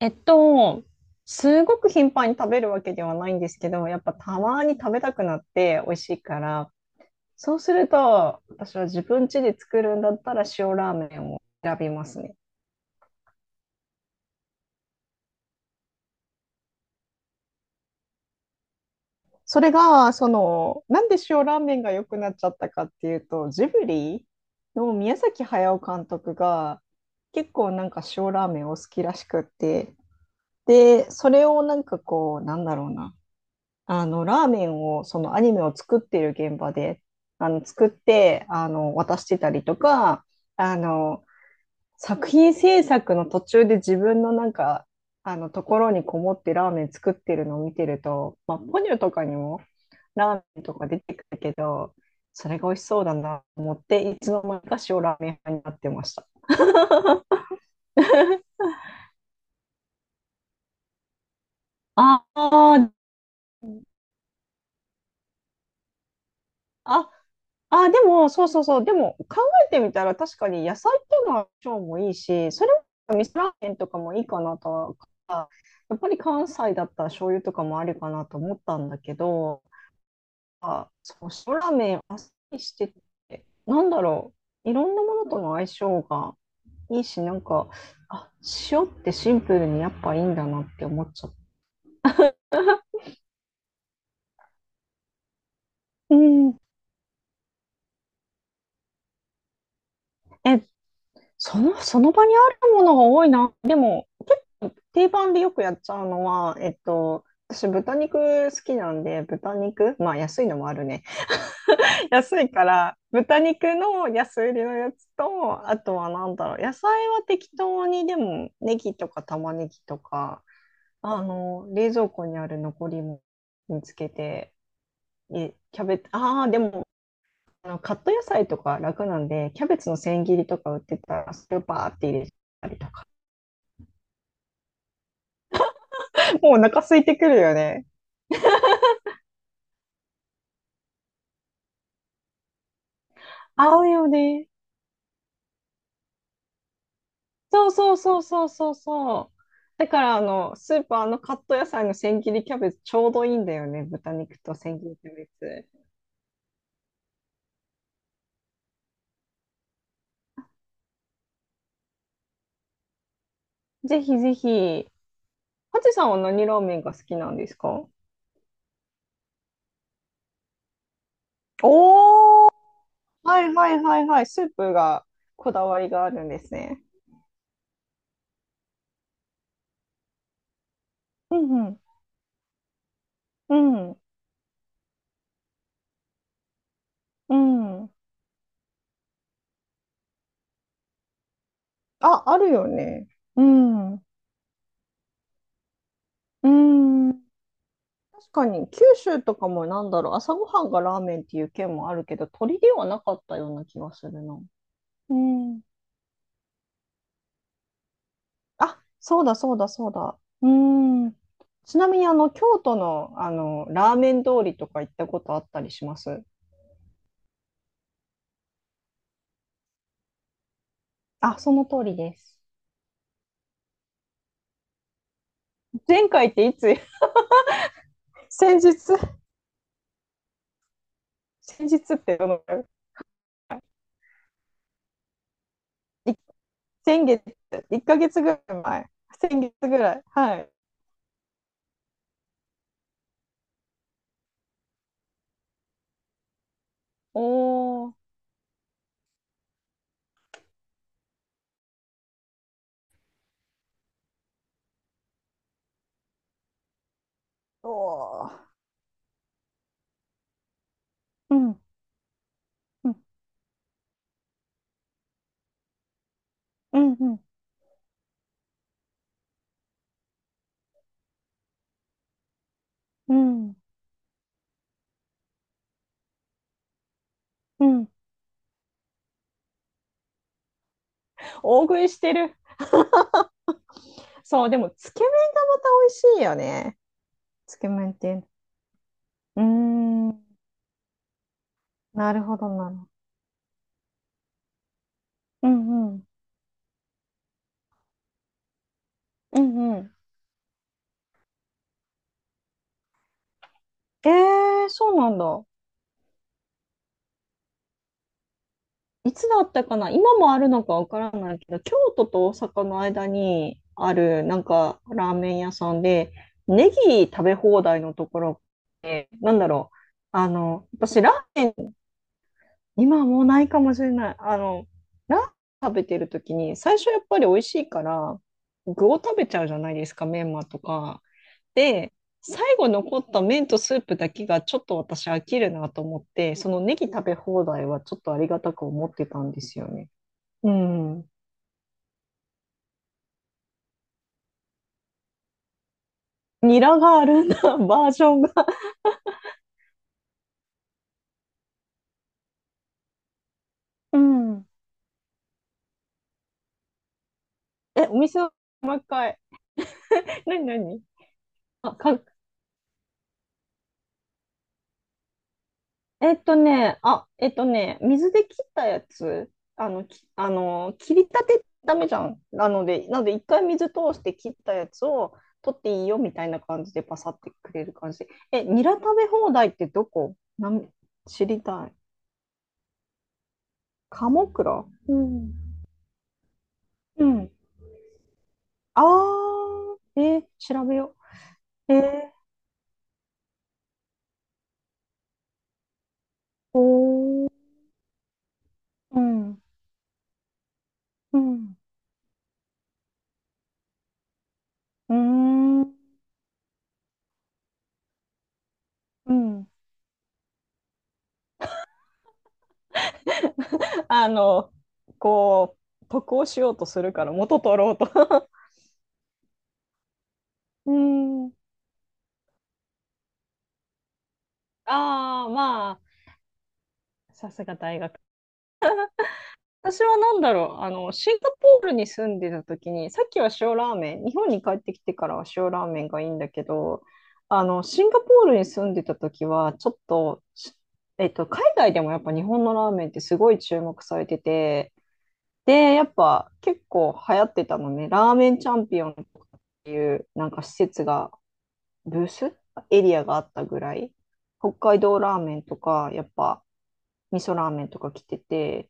えっと、すごく頻繁に食べるわけではないんですけど、やっぱたまに食べたくなって美味しいから、そうすると、私は自分家で作るんだったら塩ラーメンを選びますね。それが、なんで塩ラーメンが良くなっちゃったかっていうと、ジブリの宮崎駿監督が結構なんか塩ラーメンを好きらしくって、で、それをなんかこう、なんだろうな。ラーメンを、そのアニメを作っている現場で、作って、渡してたりとか、あの、作品制作の途中で自分のなんか、ところにこもってラーメン作ってるのを見てると、まあ、ポニョとかにもラーメンとか出てくるけど、それが美味しそうだなと思って、いつの間にか塩ラーメン派になってました。ああ、あ、あ、でも、そうそうそう。でも、考えてみたら確かに野菜っていうのは腸もいいし、それは味噌ラーメンとかもいいかなとは、やっぱり関西だったら醤油とかもありかなと思ったんだけど、あ、そう、塩ラーメンあっさりしてて、なんだろう。いろんなものとの相性がいいし、なんか、あ、塩ってシンプルにやっぱいいんだなって思っちゃった。うん。え、その場にあるものが多いな。でも、定番でよくやっちゃうのは、私豚肉好きなんで、豚肉、まあ安いのもあるね。安いから、豚肉の安売りのやつと、あとはなんだろう、野菜は適当にでも、ネギとか玉ねぎとか、冷蔵庫にある残りも見つけて、え、キャベツ、ああ、でも、カット野菜とか楽なんで、キャベツの千切りとか売ってたら、スーパーって入れたりとか、もうお腹空いてくるよね。合うよね。そうそうそうそうそうそう。だからスーパーのカット野菜の千切りキャベツちょうどいいんだよね。豚肉と千切りキャベツ。ぜひぜひ。ハチさんは何ラーメンが好きなんですか？おー、はいはいはいはい。スープがこだわりがあるんですね。うんうん、うん、うん、あ、あるよね。うん、うん。確かに九州とかもなんだろう、朝ごはんがラーメンっていう県もあるけど、鳥ではなかったような気がするな。うんあ、そうだそうだそうだ。うーん。ちなみにあの京都の、あのラーメン通りとか行ったことあったりします？あ、その通りです。前回っていつ？ 先日。先日ってどのくらい？い先月、1ヶ月ぐらい前。先月ぐらい。はい。おー、おーうん、うん、うん、うん、うん。うん大食いしてる。そう、でも、つけ麺がまた美味しいよね。つけ麺っていうの。うーん、なるほどな。うんうん。うんうん。えー、そうなんだ。いつだったかな今もあるのかわからないけど、京都と大阪の間にある、なんか、ラーメン屋さんで、ネギ食べ放題のところって、なんだろう。私、ラーメン、今はもうないかもしれない。ラーメン食べてるときに、最初やっぱり美味しいから、具を食べちゃうじゃないですか、メンマとか。で、最後残った麺とスープだけがちょっと私飽きるなと思って、そのネギ食べ放題はちょっとありがたく思ってたんですよね。うん。ニラがあるんだ、バージョンが。うん。え、お店の1階。何何あ、考えっとね、あ、えっとね、水で切ったやつ、あの、き、あの、切りたてダメじゃん。なので、一回水通して切ったやつを取っていいよみたいな感じでパサってくれる感じ。え、ニラ食べ放題ってどこなん知りたい？鴨倉うん。うん。あ調べよう。えー、おーうん、うん、うーん、うん。あの、こ得をしようとするから元取ろうとうん。ああ、まあ、さすが大学。私は何だろう、シンガポールに住んでた時に、さっきは塩ラーメン、日本に帰ってきてからは塩ラーメンがいいんだけど、シンガポールに住んでた時は、ちょっと、海外でもやっぱ日本のラーメンってすごい注目されてて、で、やっぱ結構流行ってたのね、ラーメンチャンピオンとかっていう、なんか施設が、ブースエリアがあったぐらい、北海道ラーメンとか、やっぱ、味噌ラーメンとか来てて、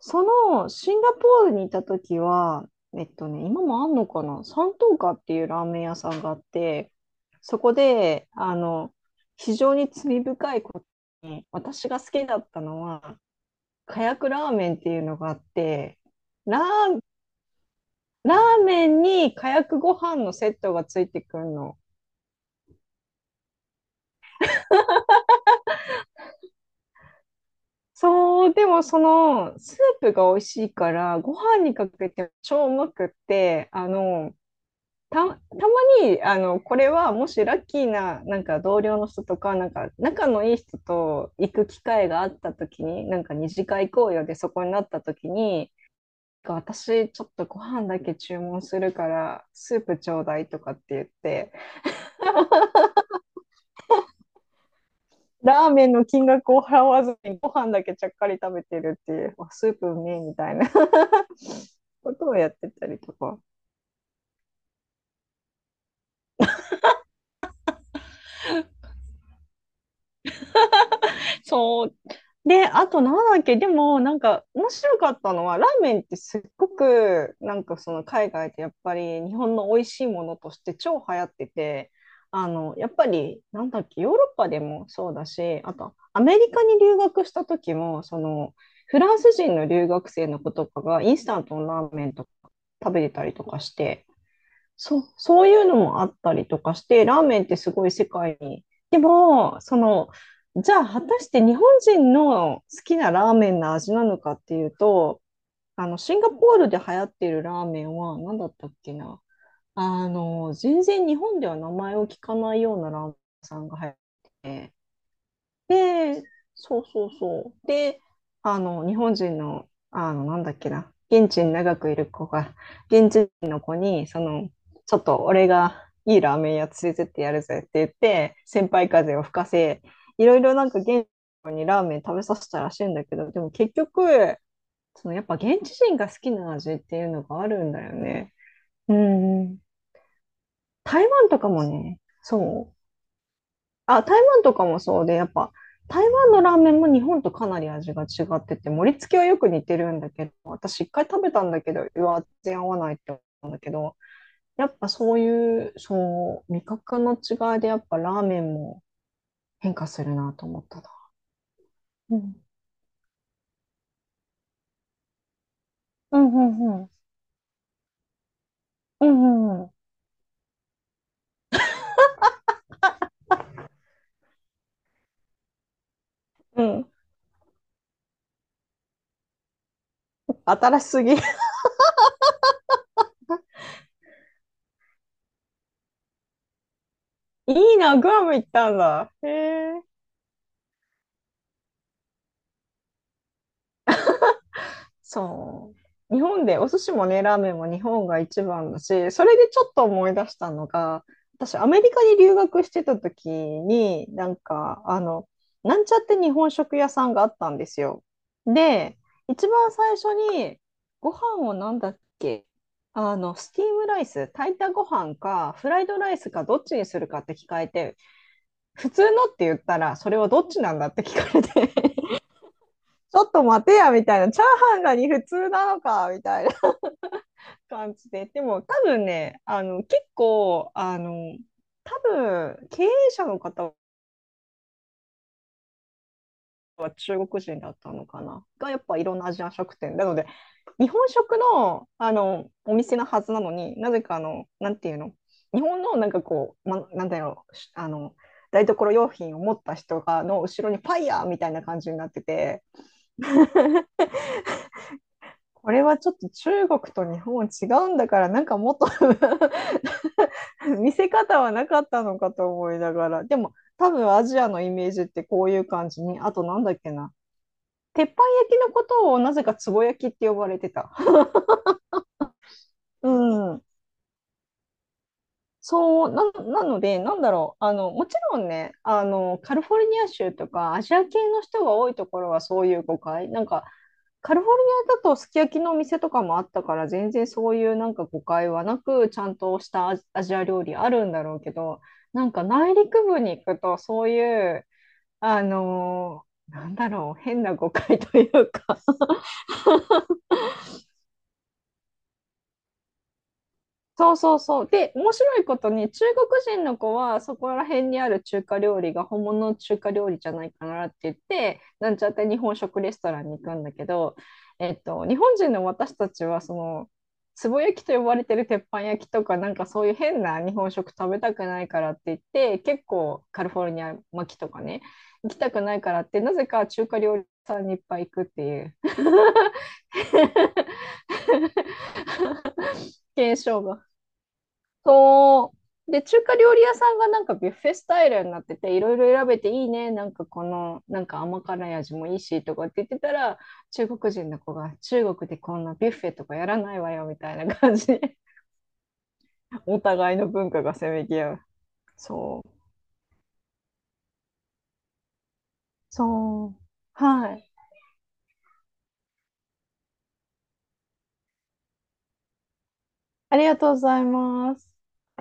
そのシンガポールにいた時は、今もあんのかな、三島花っていうラーメン屋さんがあって、そこで、非常に罪深いことに、私が好きだったのは、カヤクラーメンっていうのがあって、ラー、ラーメンにカヤクご飯のセットがついてくるの。そう、でもそのスープが美味しいから、ご飯にかけて超うまくって、たまに、これはもしラッキーな、なんか同僚の人とか、なんか仲のいい人と行く機会があった時に、なんか二次会行こうよでそこになった時に、私ちょっとご飯だけ注文するからスープちょうだいとかって言ってラーメンの金額を払わずにご飯だけちゃっかり食べてるっていうスープうめえみたいな ことをやってたりとか そう。で、あとなんだっけ、でもなんか面白かったのは、ラーメンってすっごくなんかその海外でやっぱり日本の美味しいものとして超流行ってて、やっぱりなんだっけ、ヨーロッパでもそうだし、あとアメリカに留学した時も、そのフランス人の留学生の子とかがインスタントのラーメンとか食べてたりとかして、そう、そういうのもあったりとかして、ラーメンってすごい世界に。でも、じゃあ果たして日本人の好きなラーメンの味なのかっていうと、シンガポールで流行っているラーメンは何だったっけな。全然日本では名前を聞かないようなラーメン屋さんが流行っててで、そうそうそう。で、日本人の、なんだっけな、現地に長くいる子が、現地人の子に、ちょっと俺がいいラーメン屋連れてってやるぜって言って、先輩風を吹かせ、いろいろなんか現地の子にラーメン食べさせたらしいんだけど、でも結局、そのやっぱ現地人が好きな味っていうのがあるんだよね。うんうん。台湾とかもね、そうあ、台湾とかもそうで、やっぱ台湾のラーメンも日本とかなり味が違ってて、盛り付けはよく似てるんだけど、私一回食べたんだけど、うわ、全然合わないって思ったんだけど、やっぱそういう、そう、味覚の違いでやっぱラーメンも変化するなと思ったな。うん。うんうんうん。うんうんうん。うん。新しすぎ。いいな、グアム行ったんだ。へえ。そう。日本で、お寿司もね、ラーメンも日本が一番だし、それでちょっと思い出したのが、私、アメリカに留学してた時に、なんちゃって日本食屋さんがあったんですよ。で、一番最初に、ご飯をなんだっけスティームライス、炊いたご飯か、フライドライスか、どっちにするかって聞かれて、普通のって言ったら、それはどっちなんだって聞かれて、ちょっと待てや、みたいな、チャーハンがに普通なのか、みたいな。感じで。でも多分ね、あの、結構、あの、多分、経営者の方は中国人だったのかな。が、やっぱいろんなアジアン食店。なので、日本食の、お店のはずなのに、なぜか、なんていうの、日本のなんかこう、ま、なんだろう、し台所用品を持った人がの後ろにファイヤーみたいな感じになってて、これはちょっと中国と日本違うんだから、なんかもっと 見せ方はなかったのかと思いながら。でも、多分アジアのイメージってこういう感じに、あとなんだっけな。鉄板焼きのことをなぜかつぼ焼きって呼ばれてた。うん。そう、な、なので、なんだろう。もちろんね、カリフォルニア州とかアジア系の人が多いところはそういう誤解。なんか、カリフォルニアだとすき焼きのお店とかもあったから、全然そういうなんか誤解はなく、ちゃんとしたアジア料理あるんだろうけど、なんか内陸部に行くとそういうなんだろう、変な誤解というか そうそうそう。で、面白いことに、中国人の子は、そこら辺にある中華料理が本物の中華料理じゃないかなって言って、なんちゃって日本食レストランに行くんだけど、えっと、日本人の私たちは、その、つぼ焼きと呼ばれてる鉄板焼きとか、なんかそういう変な日本食食べたくないからって言って、結構カリフォルニア巻きとかね、行きたくないからって、なぜか中華料理屋さんにいっぱい行くっていう現象が そう。で、中華料理屋さんがなんかビュッフェスタイルになってて、いろいろ選べていいね。なんかこの、なんか甘辛い味もいいし、とかって言ってたら、中国人の子が、中国でこんなビュッフェとかやらないわよ、みたいな感じで、お互いの文化がせめぎ合う。そう。そう。はい。ありがとうございます。